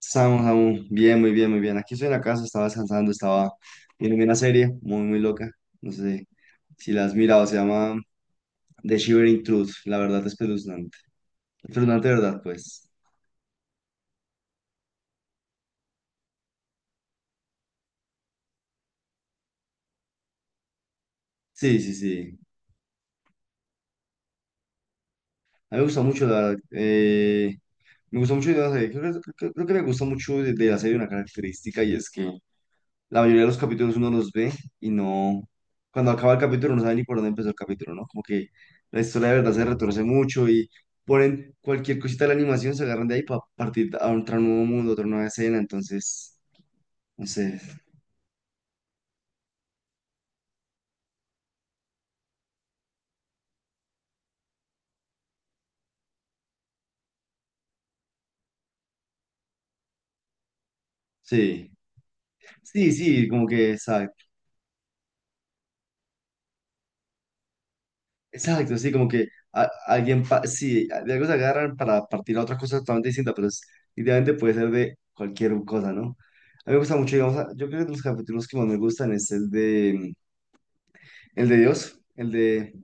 Samu, Samu, bien, muy bien, muy bien. Aquí estoy en la casa, estaba descansando, estaba viendo una serie muy, muy loca. No sé si la has mirado, se llama The Shivering Truth, la verdad espeluznante. Espeluznante, de ¿verdad? Pues sí, sí, sí. A mí me gusta mucho, la verdad. Me gusta mucho, de la serie. Creo que me gusta mucho de la serie una característica y es que la mayoría de los capítulos uno los ve y no, cuando acaba el capítulo no sabe ni por dónde empezó el capítulo, ¿no? Como que la historia de verdad se retorce mucho y ponen cualquier cosita de la animación, se agarran de ahí para partir a otro nuevo mundo, otra nueva escena, entonces, no sé, sí, sí, sí, como que exacto, exacto, sí, como que alguien, sí, de algo se agarran para partir a otra cosa totalmente distinta, pero es, idealmente puede ser de cualquier cosa, ¿no? A mí me gusta mucho, digamos, yo creo que de los capítulos que más me gustan es el de... El de Dios, el de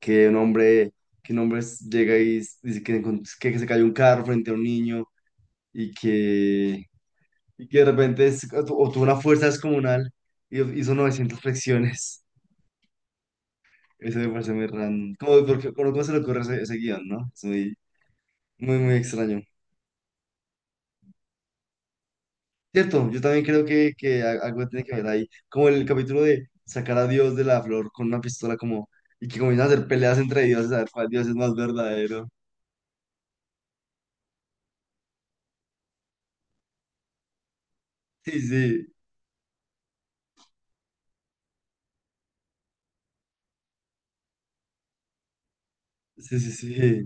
que un hombre, que un hombre llega y dice que se cayó un carro frente a un niño, y que, y que de repente o tuvo una fuerza descomunal y hizo 900 flexiones. Eso me parece muy random. ¿Cómo, por qué- cómo- cómo se le ocurre ese guión, no? Es muy, muy, muy extraño. Cierto, yo también creo que, algo tiene que ver ahí. Como el capítulo de sacar a Dios de la flor con una pistola como... Y que comienzan a hacer peleas entre dioses a ver cuál dios es más verdadero. Sí, sí, sí, sí, sí.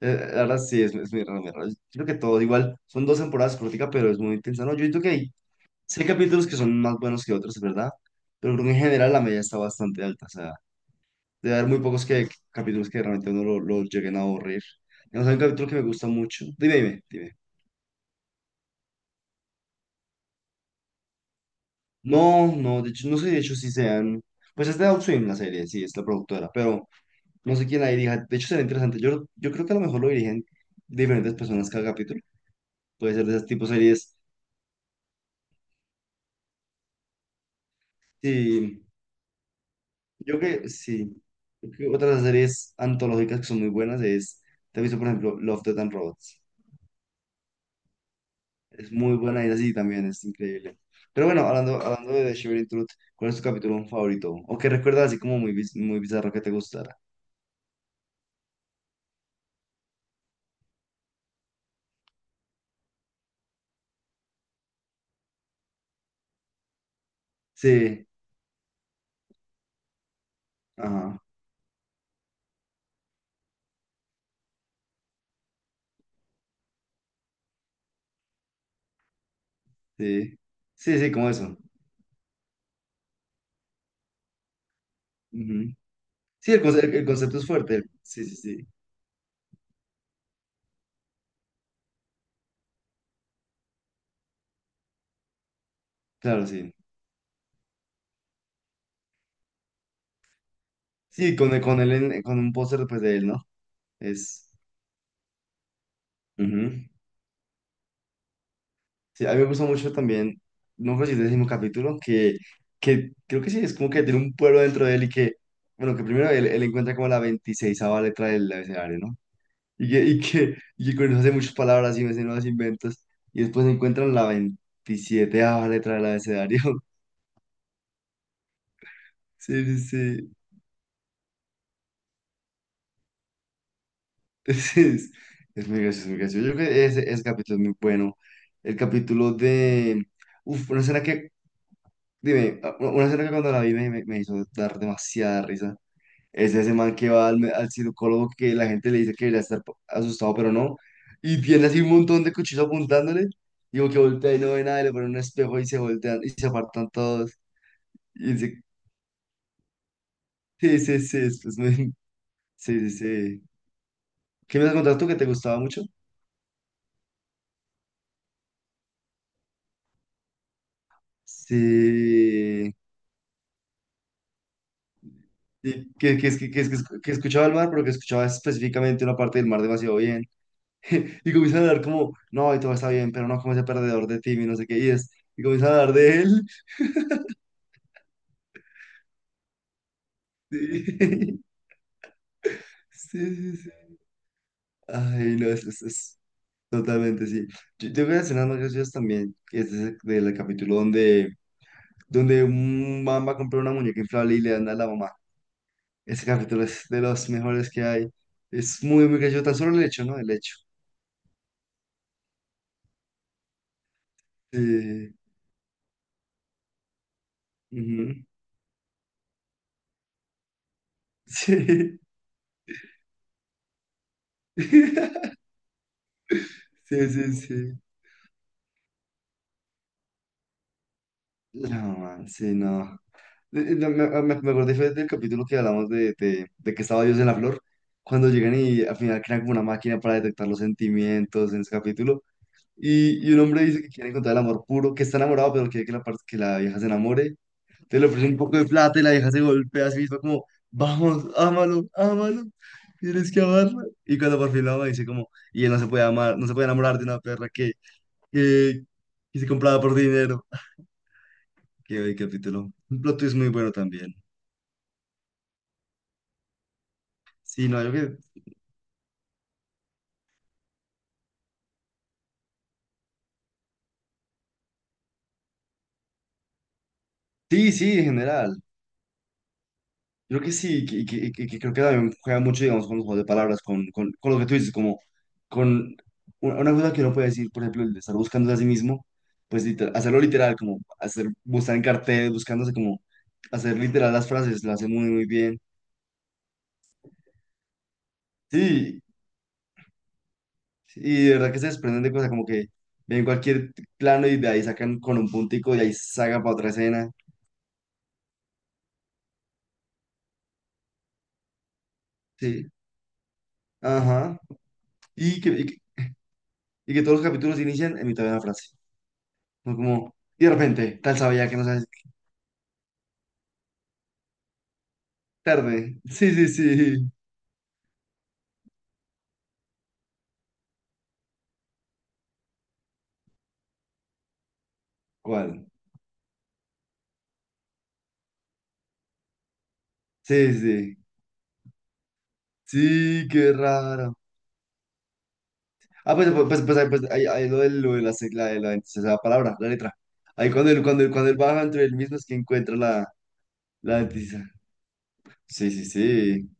La verdad sí, es muy raro, muy raro. Yo creo que todo igual. Son dos temporadas corticas, pero es muy intensa. No, yo creo que hay, sí hay capítulos que son más buenos que otros, es verdad. Pero creo que en general la media está bastante alta. O sea, debe haber muy pocos capítulos que realmente uno lo lleguen a aburrir. Digamos, hay un capítulo que me gusta mucho. Dime, dime, dime. No, no, de hecho, no sé, si de hecho, si sean. Pues es de Outstream la serie, sí, es la productora, pero no sé quién la dirija. De hecho, será interesante. Yo creo que a lo mejor lo dirigen diferentes personas cada capítulo. Puede ser de ese tipo de series. Sí, yo que sí. Yo creo que otras series antológicas que son muy buenas es, te he visto por ejemplo Love, Death and Robots. Es muy buena y así también, es increíble. Pero bueno, hablando de The Shivering Truth, ¿cuál es tu capítulo favorito? O que recuerdas así como muy bizarro que te gustara. Sí, ajá, sí. Sí, sí, como eso. Ujú. Sí, el concepto es fuerte. Sí, sí, sí. Claro, sí. Sí, con, el- con, él en- con un póster pues de él, ¿no? Es... ujú. Sí, a mí me gusta mucho también, no creo si es el décimo capítulo, que, creo que sí, es como que tiene un pueblo dentro de él y que, bueno, que primero él encuentra como la 26 letra del abecedario, ¿no? Y que con eso hace muchas palabras y hace nuevos inventos, y después encuentran la 27 letra del abecedario. Sí, sí, sí. Es, es muy gracioso, muy gracioso. Yo creo que ese capítulo es muy bueno. El capítulo de... Uf, una escena que, dime, una escena que cuando la vi me hizo dar demasiada risa. Es ese man que va al cirujólogo, que la gente le dice que debería estar asustado, pero no. Y tiene así un montón de cuchillos apuntándole. Digo que voltea y no ve nada, y le pone un espejo y se voltean y se apartan todos. Y dice, sí, sí, sí, después Sí, sí, sí. ¿Qué me has contado tú que te gustaba mucho? Sí. Sí, que escuchaba el mar, pero que escuchaba específicamente una parte del mar demasiado bien. Y comienzan a hablar como, no, y todo está bien, pero no como ese perdedor de Timmy, no sé qué. Y comienzan a hablar de él. Sí. Sí, sí, sí. Ay, no, es totalmente, sí. Yo tengo una escena más graciosa también, que es ese del capítulo donde un man va a comprar una muñeca inflable y le dan a la mamá. Ese capítulo es de los mejores que hay. Es muy, muy gracioso, tan solo el hecho, ¿no? El hecho. Sí. Ujú, sí. Sí, sí, sí. La mamá, sí, no. No, me acordé fue del capítulo que hablamos de, de que estaba Dios en la flor, cuando llegan y al final crean como una máquina para detectar los sentimientos en ese capítulo, y un hombre dice que quiere encontrar el amor puro, que está enamorado, pero quiere que que la vieja se enamore, te le ofrece un poco de plata y la vieja se golpea a sí misma como, vamos, ámalo, ámalo, tienes que amarla. Y cuando por fin la ama dice como, y él no se puede amar, no se puede enamorar de una perra que, que se compraba por dinero. Qué buen capítulo. Un plot twist muy bueno también. Sí, no, yo que sí, Sí, en general. Yo creo que sí, que creo que también juega mucho, digamos, con los juegos de palabras, con lo que tú dices, como con una cosa que uno puede decir, por ejemplo, el de estar buscándose a sí mismo, pues hacerlo literal, como hacer, buscar en carteles, buscándose, como hacer literal las frases, lo hace muy, muy bien. Sí, sí, y de verdad que se desprenden de cosas, como que ven cualquier plano y de ahí sacan con un puntico y ahí sacan para otra escena. Sí, ajá. Y que, y que, y que todos los capítulos inician en mitad de una frase. No como, y de repente, tal sabía que no sabes tarde. Sí, sí, sí. ¿Cuál? Sí, sí. Sí, qué raro. Ah, pues, ahí lo de la, esa palabra, la letra. Ahí cuando él baja entre él mismo es que encuentra la dentista. Sí, sí, sí.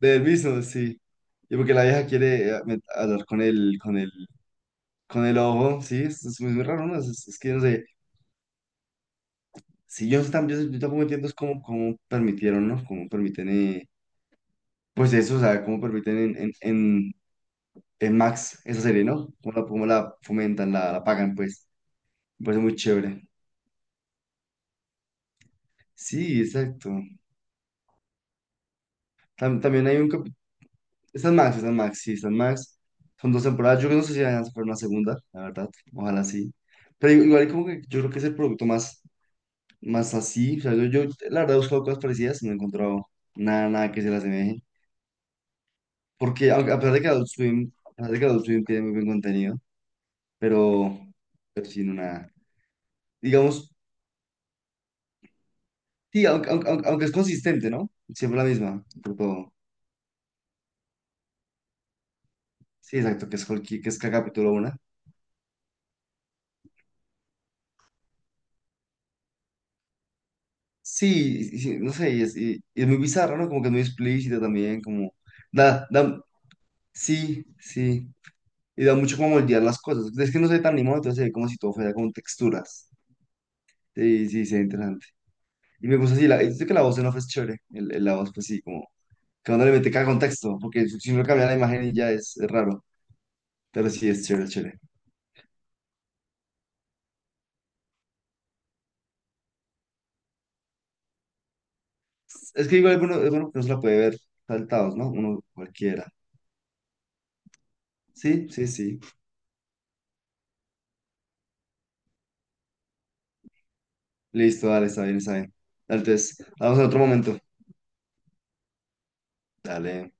De él mismo, sí. Y porque la vieja quiere hablar con el ojo, sí, es muy raro, ¿no? Es que no sé. Si yo tampoco entiendo es cómo permitieron, ¿no? Cómo permiten. Pues eso, o sea, cómo permiten en Max esa serie, ¿no? Cómo la fomentan, la pagan, pues. Me parece muy chévere. Sí, exacto. También hay un capítulo. Está en Max, sí, está en Max. Son dos temporadas. Yo no sé si van a hacer una segunda, la verdad. Ojalá sí. Pero igual como que yo creo que es el producto más así. O sea, yo la verdad he buscado cosas parecidas y no he encontrado nada, nada que se las asemeje. Porque a pesar de que Adult Swim, a pesar de que Adult Swim tiene muy buen contenido, pero, pero sí, no nada. Digamos. Sí, aunque es consistente, ¿no? Siempre la misma, por todo. Sí, exacto, que es Hulky, que es cada capítulo una. Sí, sí, no sé, y es muy bizarro, ¿no? Como que es muy explícita también, como... Da, da, sí, sí. Y da mucho como moldear las cosas. Es que no se ve tan animado, entonces se ve como si todo fuera con texturas. Sí, sí, sí, interesante. Y me gusta así, yo que la voz en off es chévere. La voz, pues sí, como... Que cuando le mete cada contexto, porque si no cambia la imagen y ya es raro. Pero sí, es chévere, chévere. Es que igual alguno que no se la puede ver saltados, ¿no? Uno cualquiera. Sí, sí, sí. Listo, dale, está bien, está bien. Dale, entonces, vamos a otro momento. Dale.